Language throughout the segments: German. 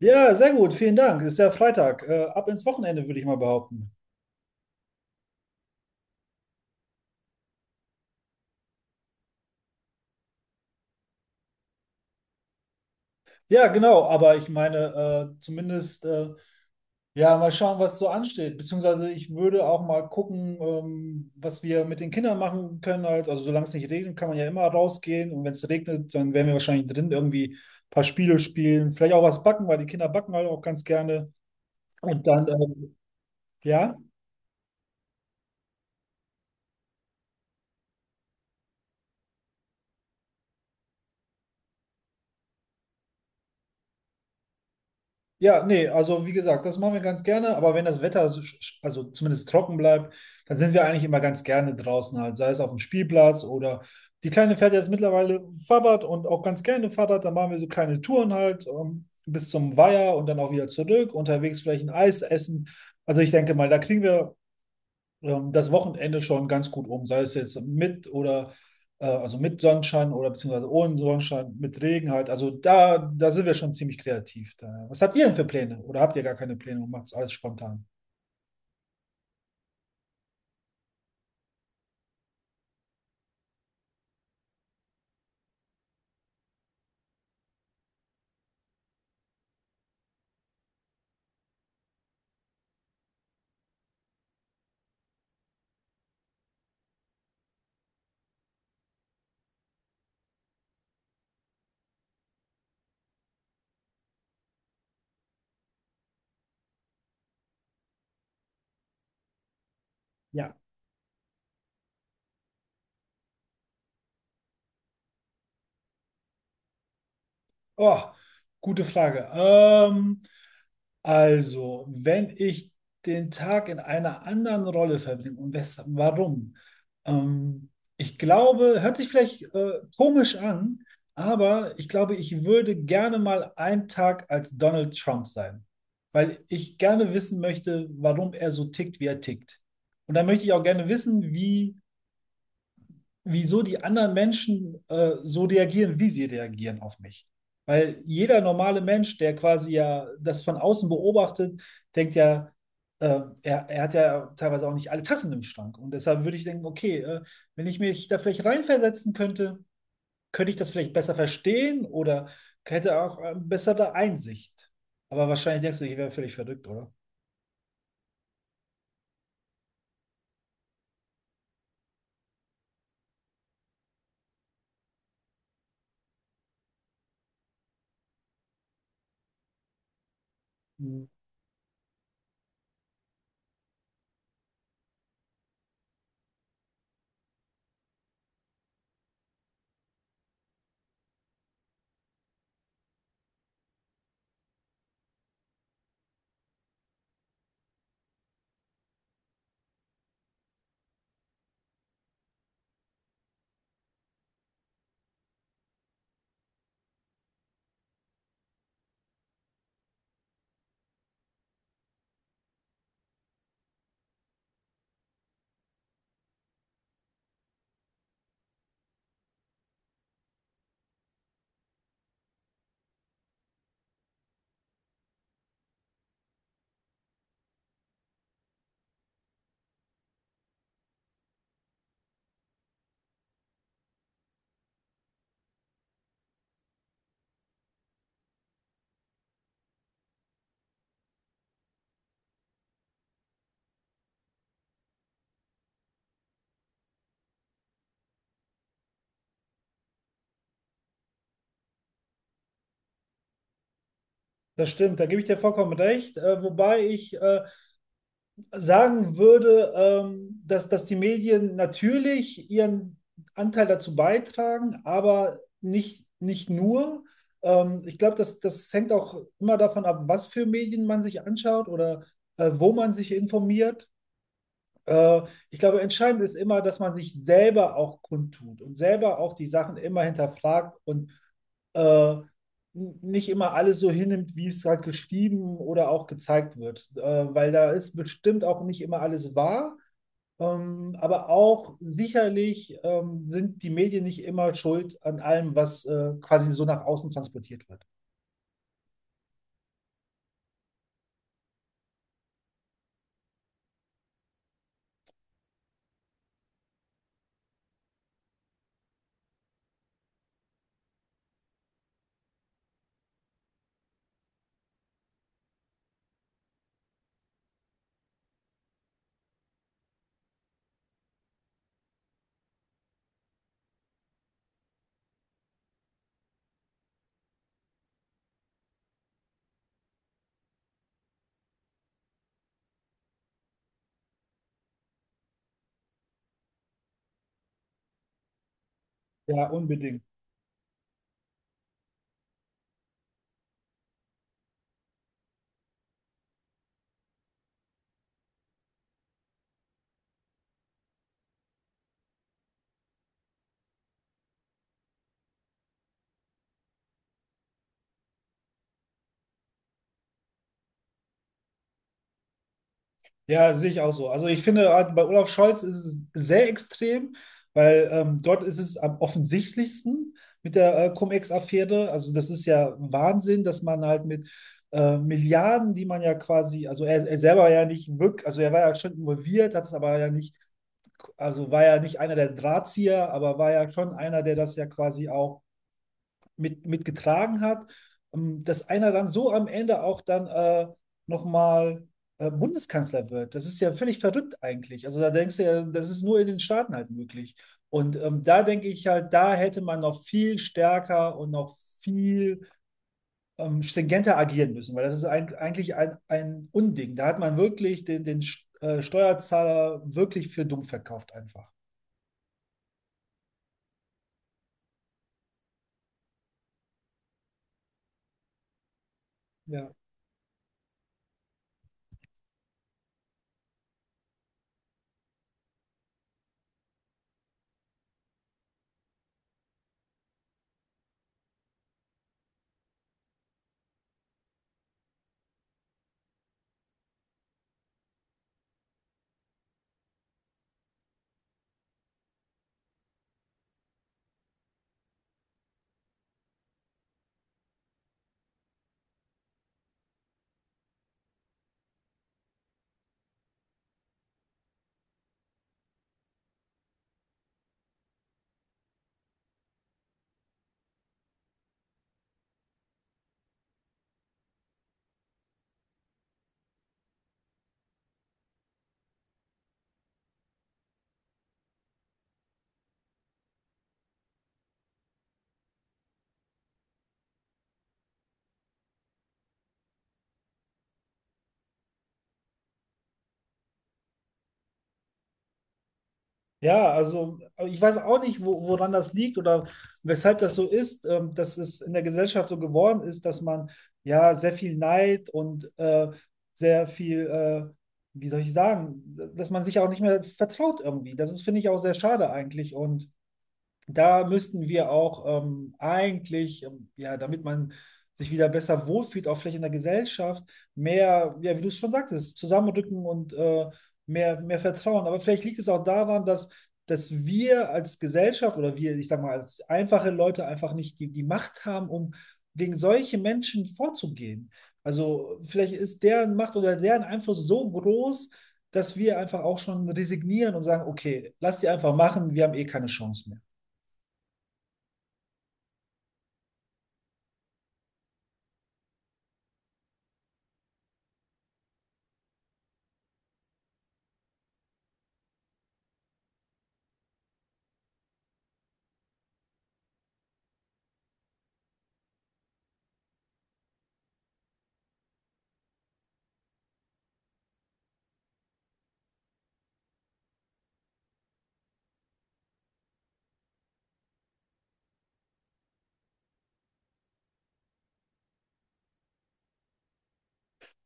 Ja, sehr gut, vielen Dank. Ist ja Freitag. Ab ins Wochenende, würde ich mal behaupten. Ja, genau, aber ich meine, äh, zumindest, äh, ja, mal schauen, was so ansteht. Beziehungsweise ich würde auch mal gucken, was wir mit den Kindern machen können. Halt. Also solange es nicht regnet, kann man ja immer rausgehen. Und wenn es regnet, dann werden wir wahrscheinlich drin irgendwie ein paar Spiele spielen. Vielleicht auch was backen, weil die Kinder backen halt auch ganz gerne. Und ja. Ja, nee, also wie gesagt, das machen wir ganz gerne, aber wenn das Wetter, so also zumindest trocken bleibt, dann sind wir eigentlich immer ganz gerne draußen halt, sei es auf dem Spielplatz oder die Kleine fährt jetzt mittlerweile Fahrrad und auch ganz gerne Fahrrad, dann machen wir so kleine Touren halt bis zum Weiher und dann auch wieder zurück, unterwegs vielleicht ein Eis essen. Also ich denke mal, da kriegen wir das Wochenende schon ganz gut um, sei es jetzt mit oder also mit Sonnenschein oder beziehungsweise ohne Sonnenschein, mit Regen halt. Also da sind wir schon ziemlich kreativ. Da. Was habt ihr denn für Pläne? Oder habt ihr gar keine Pläne und macht es alles spontan? Oh, gute Frage. Also, wenn ich den Tag in einer anderen Rolle verbringe und weshalb, warum? Ähm, Ich glaube, hört sich vielleicht komisch an, aber ich glaube, ich würde gerne mal einen Tag als Donald Trump sein, weil ich gerne wissen möchte, warum er so tickt, wie er tickt. Und dann möchte ich auch gerne wissen, wie wieso die anderen Menschen so reagieren, wie sie reagieren auf mich. Weil jeder normale Mensch, der quasi ja das von außen beobachtet, denkt ja, er hat ja teilweise auch nicht alle Tassen im Schrank. Und deshalb würde ich denken, okay, wenn ich mich da vielleicht reinversetzen könnte, könnte ich das vielleicht besser verstehen oder hätte auch bessere Einsicht. Aber wahrscheinlich denkst du, ich wäre völlig verrückt, oder? Mhm. Das stimmt, da gebe ich dir vollkommen recht. Wobei ich sagen würde, dass die Medien natürlich ihren Anteil dazu beitragen, aber nicht nur. Ich glaube, das hängt auch immer davon ab, was für Medien man sich anschaut oder wo man sich informiert. Äh, Ich glaube, entscheidend ist immer, dass man sich selber auch kundtut und selber auch die Sachen immer hinterfragt und äh, n- nicht immer alles so hinnimmt, wie es halt geschrieben oder auch gezeigt wird. Weil da ist bestimmt auch nicht immer alles wahr. Aber auch sicherlich sind die Medien nicht immer schuld an allem, was quasi so nach außen transportiert wird. Ja, unbedingt. Ja, sehe ich auch so. Also ich finde, bei Olaf Scholz ist es sehr extrem, weil dort ist es am offensichtlichsten mit der Cum-Ex-Affäre. Also das ist ja Wahnsinn, dass man halt mit Milliarden, die man ja quasi, also er selber ja nicht wirklich, also er war ja schon involviert, hat es aber ja nicht, also war ja nicht einer der Drahtzieher, aber war ja schon einer, der das ja quasi auch mitgetragen hat, dass einer dann so am Ende auch dann nochmal Bundeskanzler wird. Das ist ja völlig verrückt eigentlich. Also da denkst du ja, das ist nur in den Staaten halt möglich. Und da denke ich halt, da hätte man noch viel stärker und noch viel stringenter agieren müssen, weil das ist ein, eigentlich ein Unding. Da hat man wirklich den Steuerzahler wirklich für dumm verkauft einfach. Ja. Ja, also ich weiß auch nicht, wo, woran das liegt oder weshalb das so ist, dass es in der Gesellschaft so geworden ist, dass man ja sehr viel Neid und sehr viel, wie soll ich sagen, dass man sich auch nicht mehr vertraut irgendwie. Das ist, finde ich, auch sehr schade eigentlich. Und da müssten wir auch eigentlich ja, damit man sich wieder besser wohlfühlt, auch vielleicht in der Gesellschaft, mehr, ja, wie du es schon sagtest, zusammenrücken und mehr, mehr Vertrauen. Aber vielleicht liegt es auch daran, dass, dass wir als Gesellschaft oder wir, ich sag mal, als einfache Leute einfach nicht die Macht haben, um gegen solche Menschen vorzugehen. Also vielleicht ist deren Macht oder deren Einfluss so groß, dass wir einfach auch schon resignieren und sagen, okay, lass die einfach machen, wir haben eh keine Chance mehr.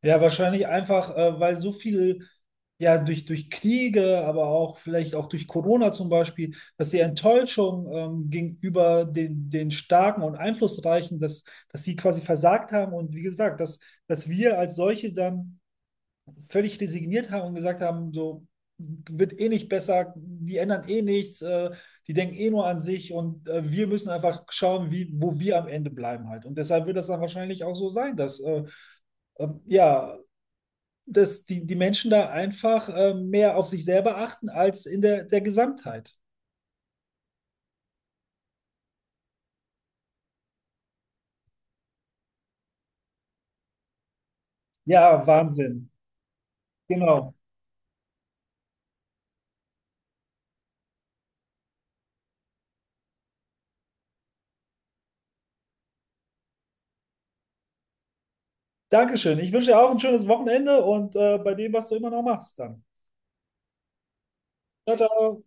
Ja, wahrscheinlich einfach, weil so viel, ja, durch Kriege, aber auch vielleicht auch durch Corona zum Beispiel, dass die Enttäuschung gegenüber den Starken und Einflussreichen, dass, dass sie quasi versagt haben und wie gesagt, dass, dass wir als solche dann völlig resigniert haben und gesagt haben, so wird eh nicht besser, die ändern eh nichts, die denken eh nur an sich und wir müssen einfach schauen, wie, wo wir am Ende bleiben halt. Und deshalb wird das dann wahrscheinlich auch so sein, dass ja, dass die Menschen da einfach mehr auf sich selber achten als in der Gesamtheit. Ja, Wahnsinn. Genau. Dankeschön. Ich wünsche dir auch ein schönes Wochenende und bei dem, was du immer noch machst, dann. Ciao, ciao.